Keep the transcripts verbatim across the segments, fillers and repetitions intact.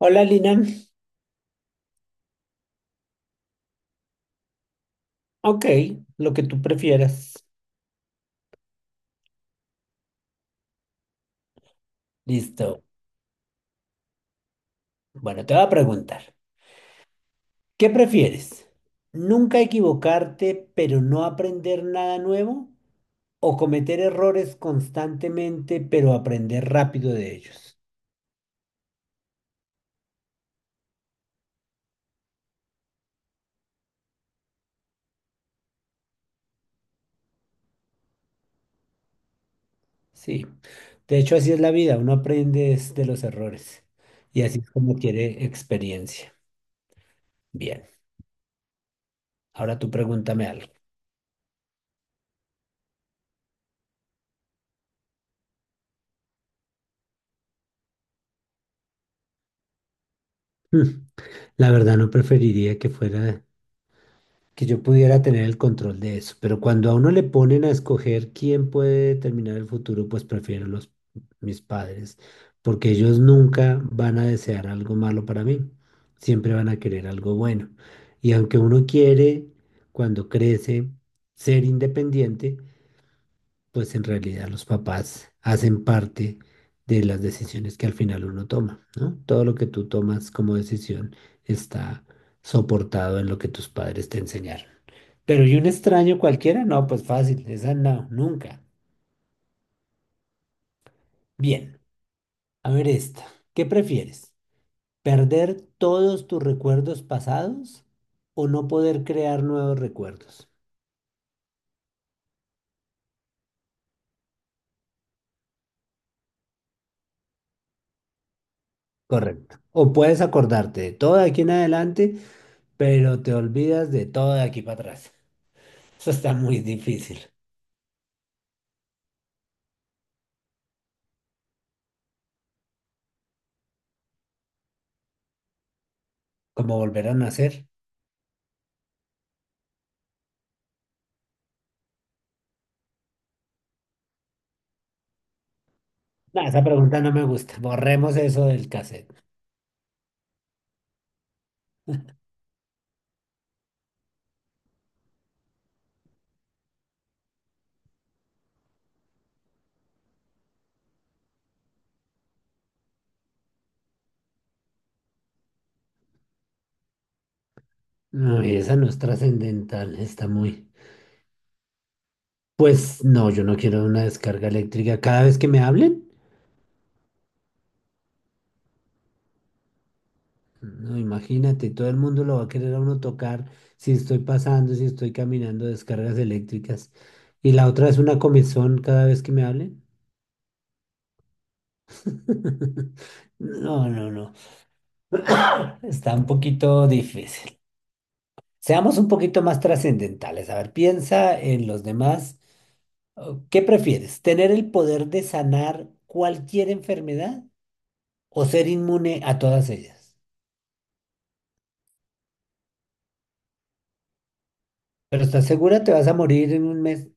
Hola Lina. Ok, lo que tú prefieras. Listo. Bueno, te voy a preguntar, ¿qué prefieres? ¿Nunca equivocarte pero no aprender nada nuevo? ¿O cometer errores constantemente pero aprender rápido de ellos? Sí, de hecho así es la vida, uno aprende es de los errores y así es como quiere experiencia. Bien, ahora tú pregúntame algo. Hmm, la verdad no preferiría que fuera que yo pudiera tener el control de eso. Pero cuando a uno le ponen a escoger quién puede determinar el futuro, pues prefiero los, mis padres, porque ellos nunca van a desear algo malo para mí, siempre van a querer algo bueno. Y aunque uno quiere, cuando crece, ser independiente, pues en realidad los papás hacen parte de las decisiones que al final uno toma, ¿no? Todo lo que tú tomas como decisión está soportado en lo que tus padres te enseñaron. Pero ¿y un extraño cualquiera? No, pues fácil, esa no, nunca. Bien, a ver esta. ¿Qué prefieres? ¿Perder todos tus recuerdos pasados o no poder crear nuevos recuerdos? Correcto. O puedes acordarte de todo de aquí en adelante, pero te olvidas de todo de aquí para atrás. Eso está muy difícil. ¿Cómo volver a nacer? No, esa pregunta no me gusta. Borremos eso del cassette. No, y esa no es trascendental, está muy. Pues no, yo no quiero una descarga eléctrica cada vez que me hablen. No, imagínate, todo el mundo lo va a querer a uno tocar, si estoy pasando, si estoy caminando, descargas eléctricas. Y la otra es una comezón cada vez que me hablen. No, no, no. Está un poquito difícil. Seamos un poquito más trascendentales. A ver, piensa en los demás. Oh, ¿qué prefieres? ¿Tener el poder de sanar cualquier enfermedad o ser inmune a todas ellas? Pero ¿estás segura? Te vas a morir en un mes.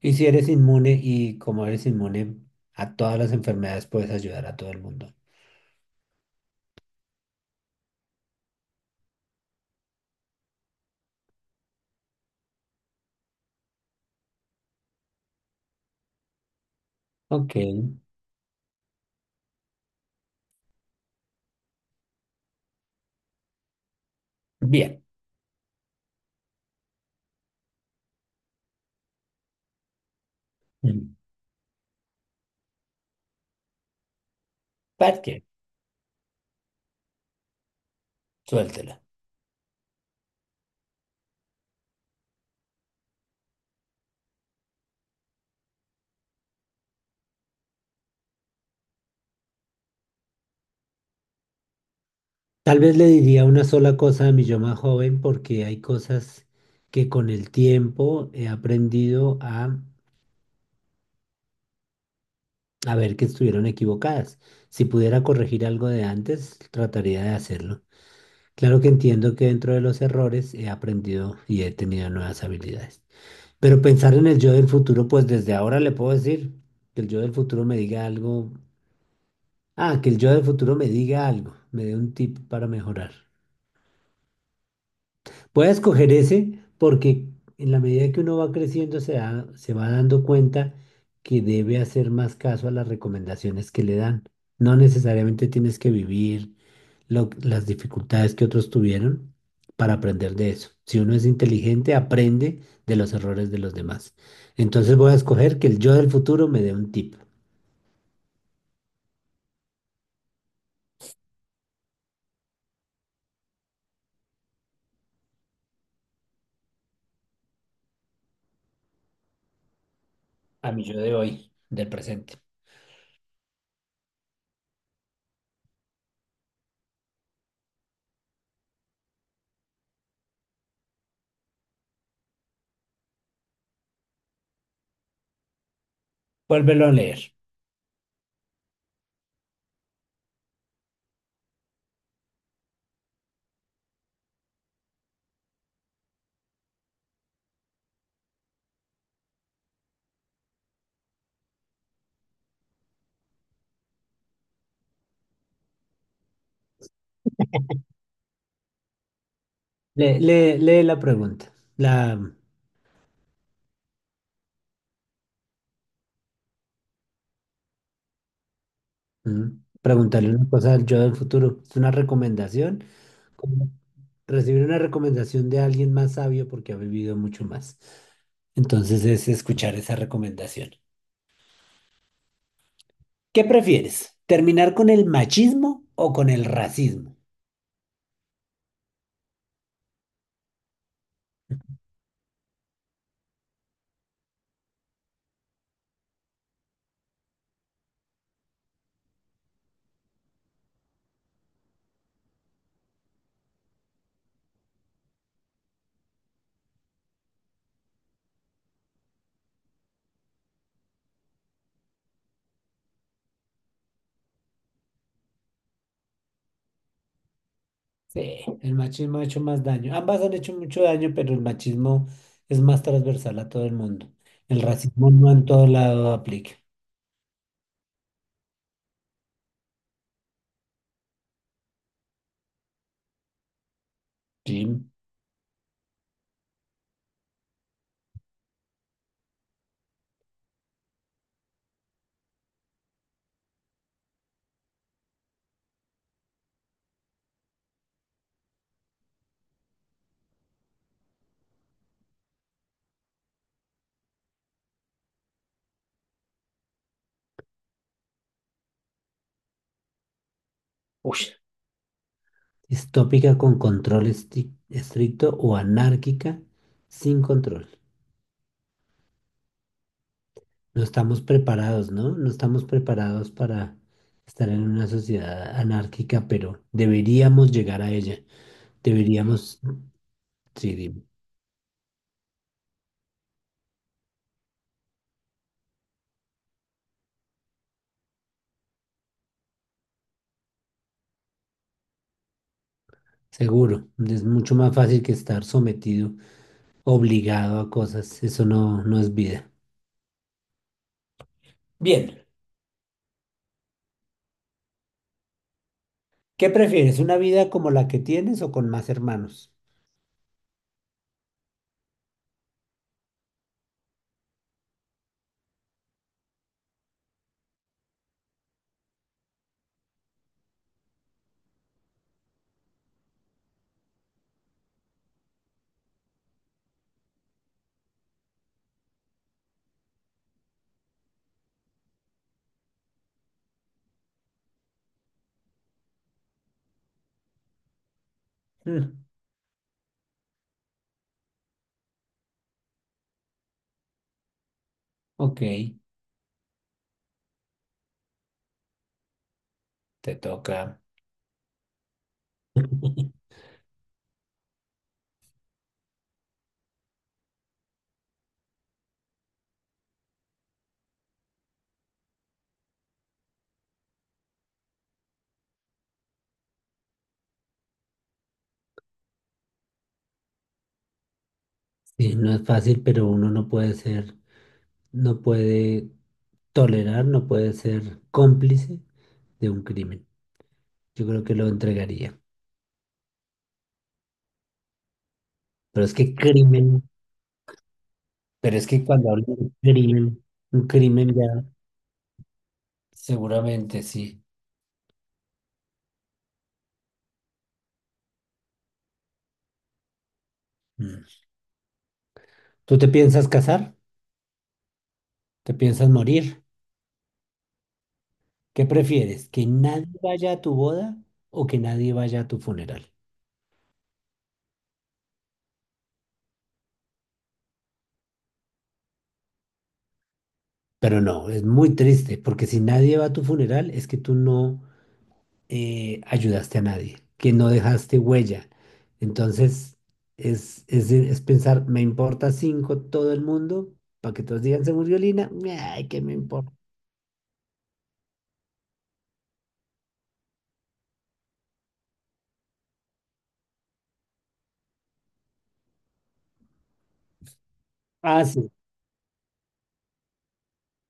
Y si eres inmune, y como eres inmune a todas las enfermedades, puedes ayudar a todo el mundo. Ok, bien. Mm. ¿Para Suéltela. Tal vez le diría una sola cosa a mi yo más joven porque hay cosas que con el tiempo he aprendido a a ver que estuvieron equivocadas. Si pudiera corregir algo de antes, trataría de hacerlo. Claro que entiendo que dentro de los errores he aprendido y he tenido nuevas habilidades. Pero pensar en el yo del futuro, pues desde ahora le puedo decir que el yo del futuro me diga algo. Ah, que el yo del futuro me diga algo, me dé un tip para mejorar. Voy a escoger ese porque en la medida que uno va creciendo se da- se va dando cuenta que debe hacer más caso a las recomendaciones que le dan. No necesariamente tienes que vivir lo- las dificultades que otros tuvieron para aprender de eso. Si uno es inteligente, aprende de los errores de los demás. Entonces voy a escoger que el yo del futuro me dé un tip a mi yo de hoy, del presente. Vuélvelo a leer. Le- le- lee la pregunta, la mm. Preguntarle una cosa al yo del futuro. Es una recomendación, como recibir una recomendación de alguien más sabio porque ha vivido mucho más. Entonces es escuchar esa recomendación. ¿Qué prefieres? ¿Terminar con el machismo o con el racismo? Sí, el machismo ha hecho más daño. Ambas han hecho mucho daño, pero el machismo es más transversal a todo el mundo. El racismo no en todo lado aplica. Sí. Uy. Distópica con control esti- estricto o anárquica sin control. No estamos preparados, ¿no? No estamos preparados para estar en una sociedad anárquica, pero deberíamos llegar a ella. Deberíamos, sí, dime. Seguro, es mucho más fácil que estar sometido, obligado a cosas. Eso no, no es vida. Bien, ¿qué prefieres? ¿Una vida como la que tienes o con más hermanos? Mm, ok, te toca. Sí, no es fácil, pero uno no puede ser, no puede tolerar, no puede ser cómplice de un crimen. Yo creo que lo entregaría. Pero es que crimen, pero es que cuando hablo de crimen, un crimen ya seguramente sí. Mm. ¿Tú te piensas casar? ¿Te piensas morir? ¿Qué prefieres? ¿Que nadie vaya a tu boda o que nadie vaya a tu funeral? Pero no, es muy triste, porque si nadie va a tu funeral, es que tú no, eh, ayudaste a nadie, que no dejaste huella. Entonces, es, es, es pensar, me importa cinco todo el mundo, para que todos digan, se murió Lina, ay, ¿qué me importa? Ah, sí,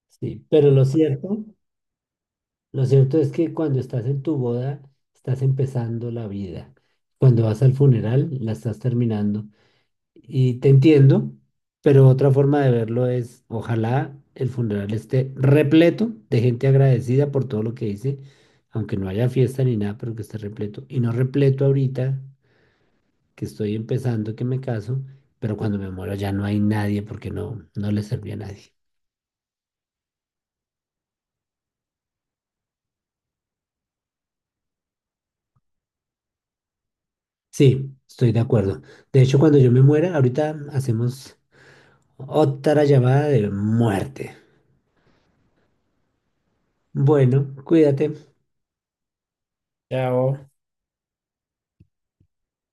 sí, pero lo cierto, lo cierto es que cuando estás en tu boda, estás empezando la vida. Cuando vas al funeral, la estás terminando. Y te entiendo, pero otra forma de verlo es, ojalá el funeral esté repleto de gente agradecida por todo lo que hice, aunque no haya fiesta ni nada, pero que esté repleto. Y no repleto ahorita, que estoy empezando, que me caso, pero cuando me muero ya no hay nadie porque no, no le serví a nadie. Sí, estoy de acuerdo. De hecho, cuando yo me muera, ahorita hacemos otra llamada de muerte. Bueno, cuídate. Chao.